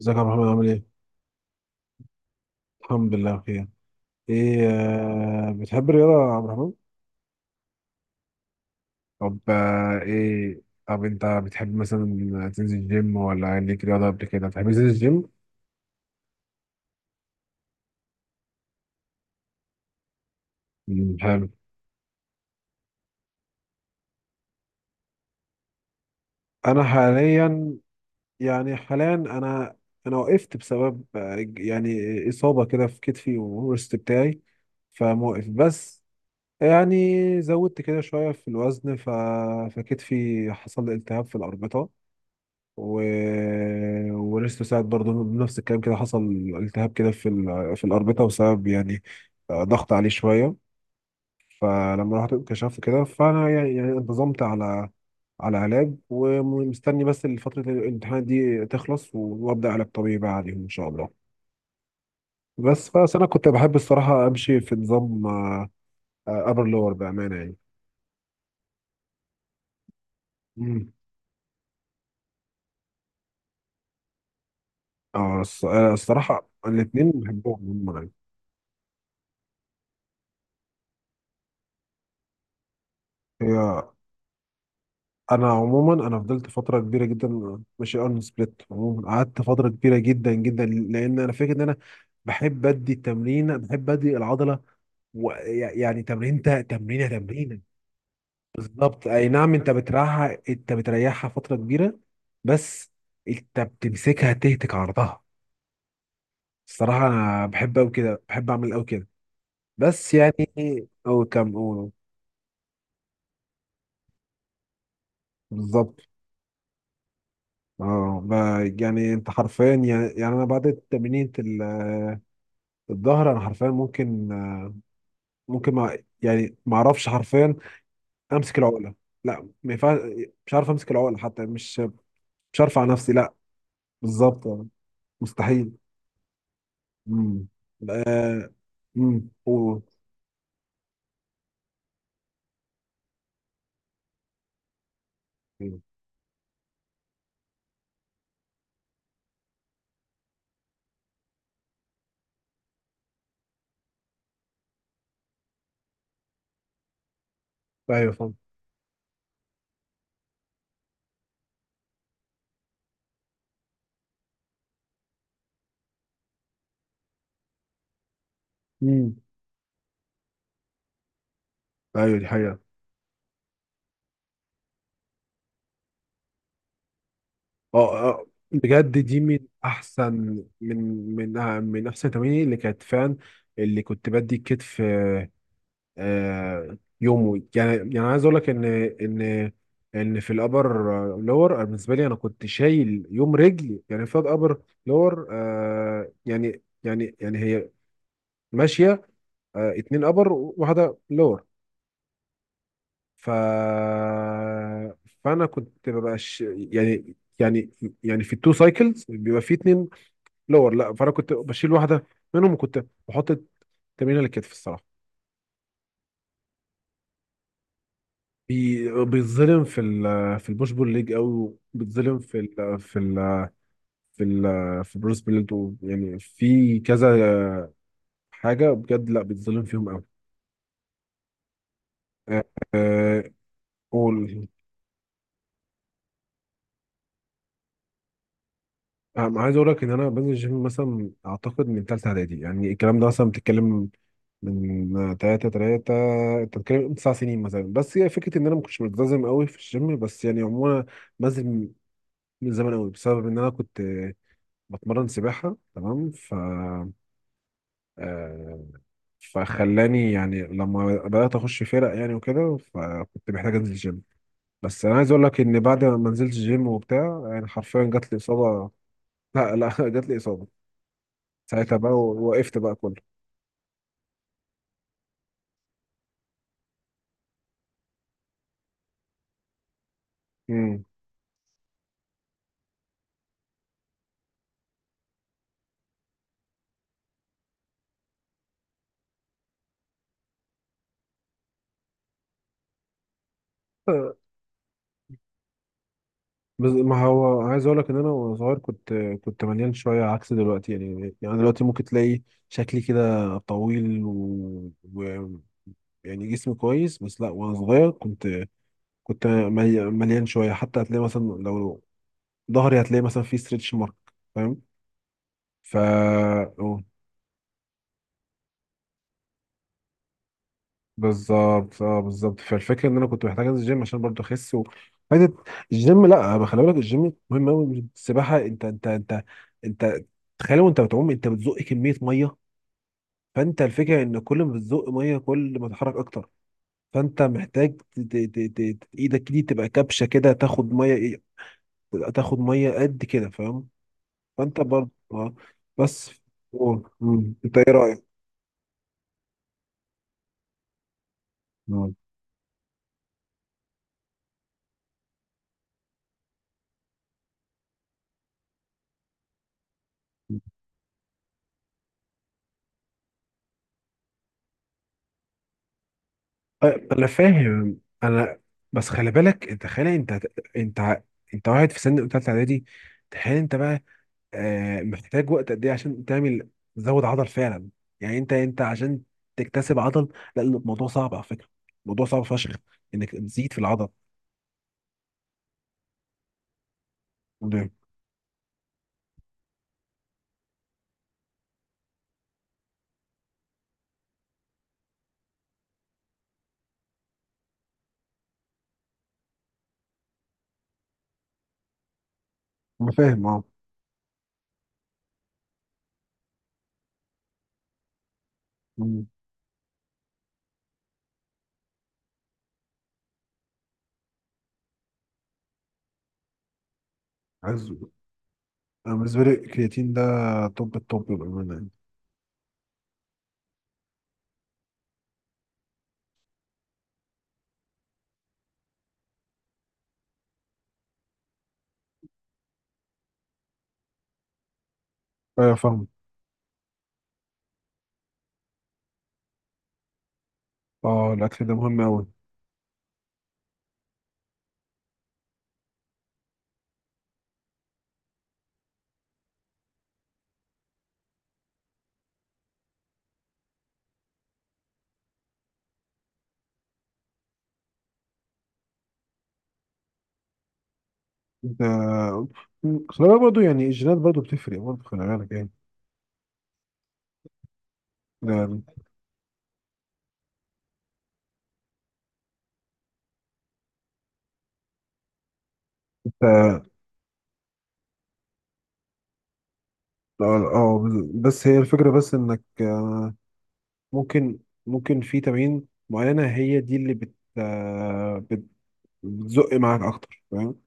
ازيك يا عبد الرحمن عامل ايه؟ الحمد لله بخير. ايه آه بتحب الرياضة يا عبد الرحمن؟ طب آه ايه طب انت بتحب مثلا تنزل جيم ولا ليك رياضة قبل كده؟ بتحب تنزل الجيم؟ مم، حلو. انا حاليا يعني حاليا انا انا وقفت بسبب يعني اصابة كده في كتفي والورست بتاعي، فموقف بس. يعني زودت كده شوية في الوزن، فكتفي حصل لي التهاب في الأربطة. و... وريستو ساعد برضه بنفس الكلام كده، حصل التهاب كده في في الأربطة بسبب يعني ضغط عليه شوية. فلما رحت انكشفت كده فأنا يعني، انتظمت على علاج، ومستني بس فترة الامتحان دي تخلص وأبدأ علاج طبيعي بقى عليهم إن شاء الله. بس أنا كنت بحب الصراحة أمشي في نظام أبر لور بأمانة يعني. مم. اه، الصراحة الاتنين بحبهم هم يعني. هي، انا عموما فضلت فتره كبيره جدا ماشي اون سبليت. عموما قعدت فتره كبيره جدا جدا لان انا فاكر ان انا بحب ادي التمرين، بحب ادي العضله. يعني تمرينه تمرينه. بالظبط، اي نعم، انت بتريحها فتره كبيره بس. انت بتمسكها تهتك عرضها. الصراحه انا بحب قوي كده، بحب اعمل قوي كده بس يعني او كم او. بالظبط. يعني انت حرفيا، يعني انا بعد تمرينة الظهر انا حرفيا ممكن ممكن ما يعني ما اعرفش حرفيا امسك العقله. لا، ما ينفعش، مش عارف امسك العقله حتى. مش عارف على نفسي لا. بالظبط مستحيل. امم، امم، أوه. ايوه فاهم. امم. ايوه دي حقيقه. اه بجد دي من احسن، من من احسن تمارين اللي كانت فعلا، اللي كنت بدي الكتف يومه يعني. يعني عايز اقول لك ان ان في الابر لور بالنسبه لي، انا كنت شايل يوم رجل يعني في ابر لور يعني، يعني هي ماشيه، اتنين ابر وواحده لور. ف فانا كنت ببقى ش... يعني يعني يعني في التو سايكلز بيبقى في اتنين لور، لا فانا كنت بشيل واحده منهم، وكنت بحط التمرين على الكتف الصراحه. بيتظلم في ال، في البوش بول ليج قوي، وبيتظلم في ال في ال في ال في بروس بليت يعني في كذا حاجه بجد، لا بيتظلم فيهم قوي. أه آه، قول. أنا عايز اقول لك ان انا بنزل الجيم مثلا اعتقد من ثالثه اعدادي، يعني الكلام ده مثلا بتتكلم من تلاتة. انت بتتكلم 9 سنين مثلا. بس هي فكره ان انا ما كنتش ملتزم قوي في الجيم، بس يعني عموما بنزل من زمان قوي، بسبب ان انا كنت بتمرن سباحه تمام. ف آه، فخلاني يعني لما بدأت أخش فرق يعني وكده، فكنت محتاج أنزل جيم. بس أنا عايز أقول لك إن بعد ما نزلت جيم وبتاع، يعني حرفيا جات لي إصابة. لا، لا، جات لي إصابة. ساعتها بقى وقفت بقى كله. مم. آه، بس ما هو عايز أقول لك إن أنا وأنا صغير كنت، مليان شوية عكس دلوقتي. يعني، دلوقتي ممكن تلاقي شكلي كده طويل يعني جسمي كويس. بس لا وأنا صغير كنت، مليان شويه حتى. هتلاقي مثلا لو ظهري هتلاقي مثلا فيه ستريتش مارك، فاهم. ف أوه، بالظبط، اه بالظبط. فالفكره ان انا كنت محتاج انزل الجيم عشان برضه اخس فايدة الجيم. لا خلي بالك الجيم مهم قوي. السباحه انت انت تخيل وانت بتعوم انت بتزق كميه ميه. فانت الفكره ان كل ما بتزق ميه، كل ما تتحرك اكتر. فانت محتاج ايدك دي تبقى كبشه كده، تاخد ميه إيه، تاخد ميه قد كده، فاهم. فانت برضه اه بس. أوه، مم. انت ايه رايك؟ مم. أه، انا فاهم انا، بس خلي بالك انت. خلي انت انت انت واحد في سن تالتة اعدادي. تخيل انت بقى محتاج وقت قد ايه عشان تعمل، تزود عضل فعلا. يعني انت عشان تكتسب عضل. لا الموضوع صعب على فكرة، الموضوع صعب فشخ انك تزيد في العضل. ده انا فاهم اه. مم. عايز انا، بالنسبه لي الكرياتين ده توب التوب بامانه يعني. ايوه فاهم. اه، الاكل ده مهم قوي. ده خلي بالك برضه يعني الجينات برضه بتفرق، برضه خلي بالك يعني. انت اه، آه، بس هي الفكرة، بس انك ممكن، في تمارين معينة هي دي اللي بتزق معاك اكتر، فاهم.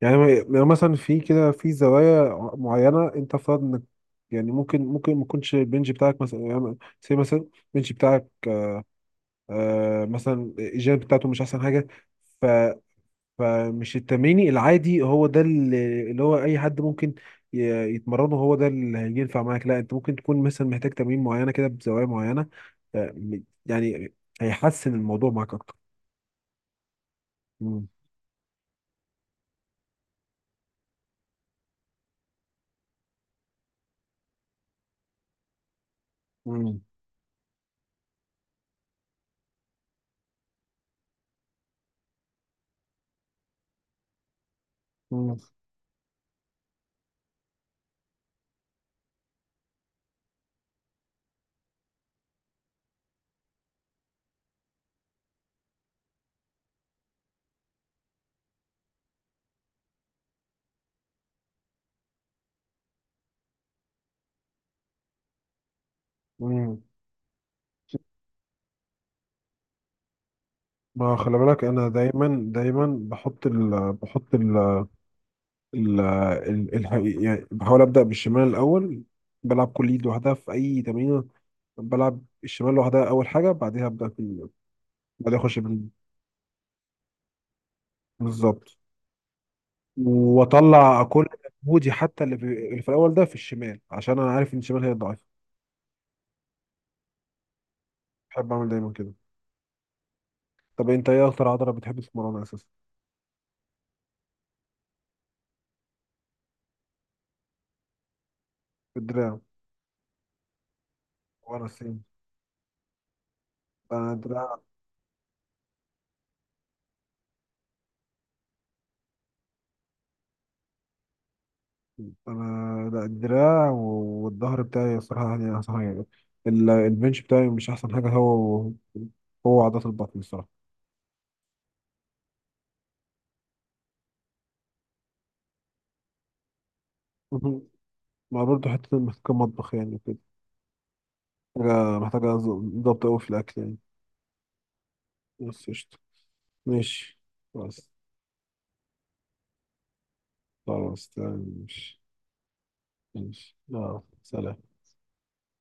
يعني مثلا في كده في زوايا معينة، انت افترض انك يعني ممكن، ما يكونش البنج بتاعك مثلا يعني سي مثلا، البنج بتاعك مثلا الجيم بتاعته مش احسن حاجة. فمش التمرين العادي هو ده، اللي هو اي حد ممكن يتمرنه هو ده اللي هينفع معاك. لا انت ممكن تكون مثلا محتاج تمرين معينه كده بزوايا معينه يعني هيحسن الموضوع معاك اكتر. مم. مم. مم. مم. ما خلي بالك انا دايما، دايما بحط ال بحط ال ال ال ال يعني بحاول ابدا بالشمال الاول. بلعب كل ايد لوحدها في اي تمرين. بلعب الشمال لوحدها اول حاجه، بعدها ابدا في، بعدها اخش بالظبط. واطلع كل مجهودي حتى، اللي في، اللي في الاول ده في الشمال، عشان انا عارف ان الشمال هي الضعيفه. بحب اعمل دايما كده. طب انت ايه اكتر عضله بتحب تتمرنها اساسا؟ الدراع. وانا السين انا الدراع. انا لا، الدراع والظهر بتاعي الصراحه يعني احسن حاجه. البنش بتاعي مش احسن حاجه. هو عضلات البطن الصراحه مهم. ما برضه حتة محتاجة مطبخ يعني وكده. محتاجة ضبط أوي في الأكل يعني. بس قشطة. ماشي. خلاص. خلاص تمام ماشي. ماشي، لا سلام.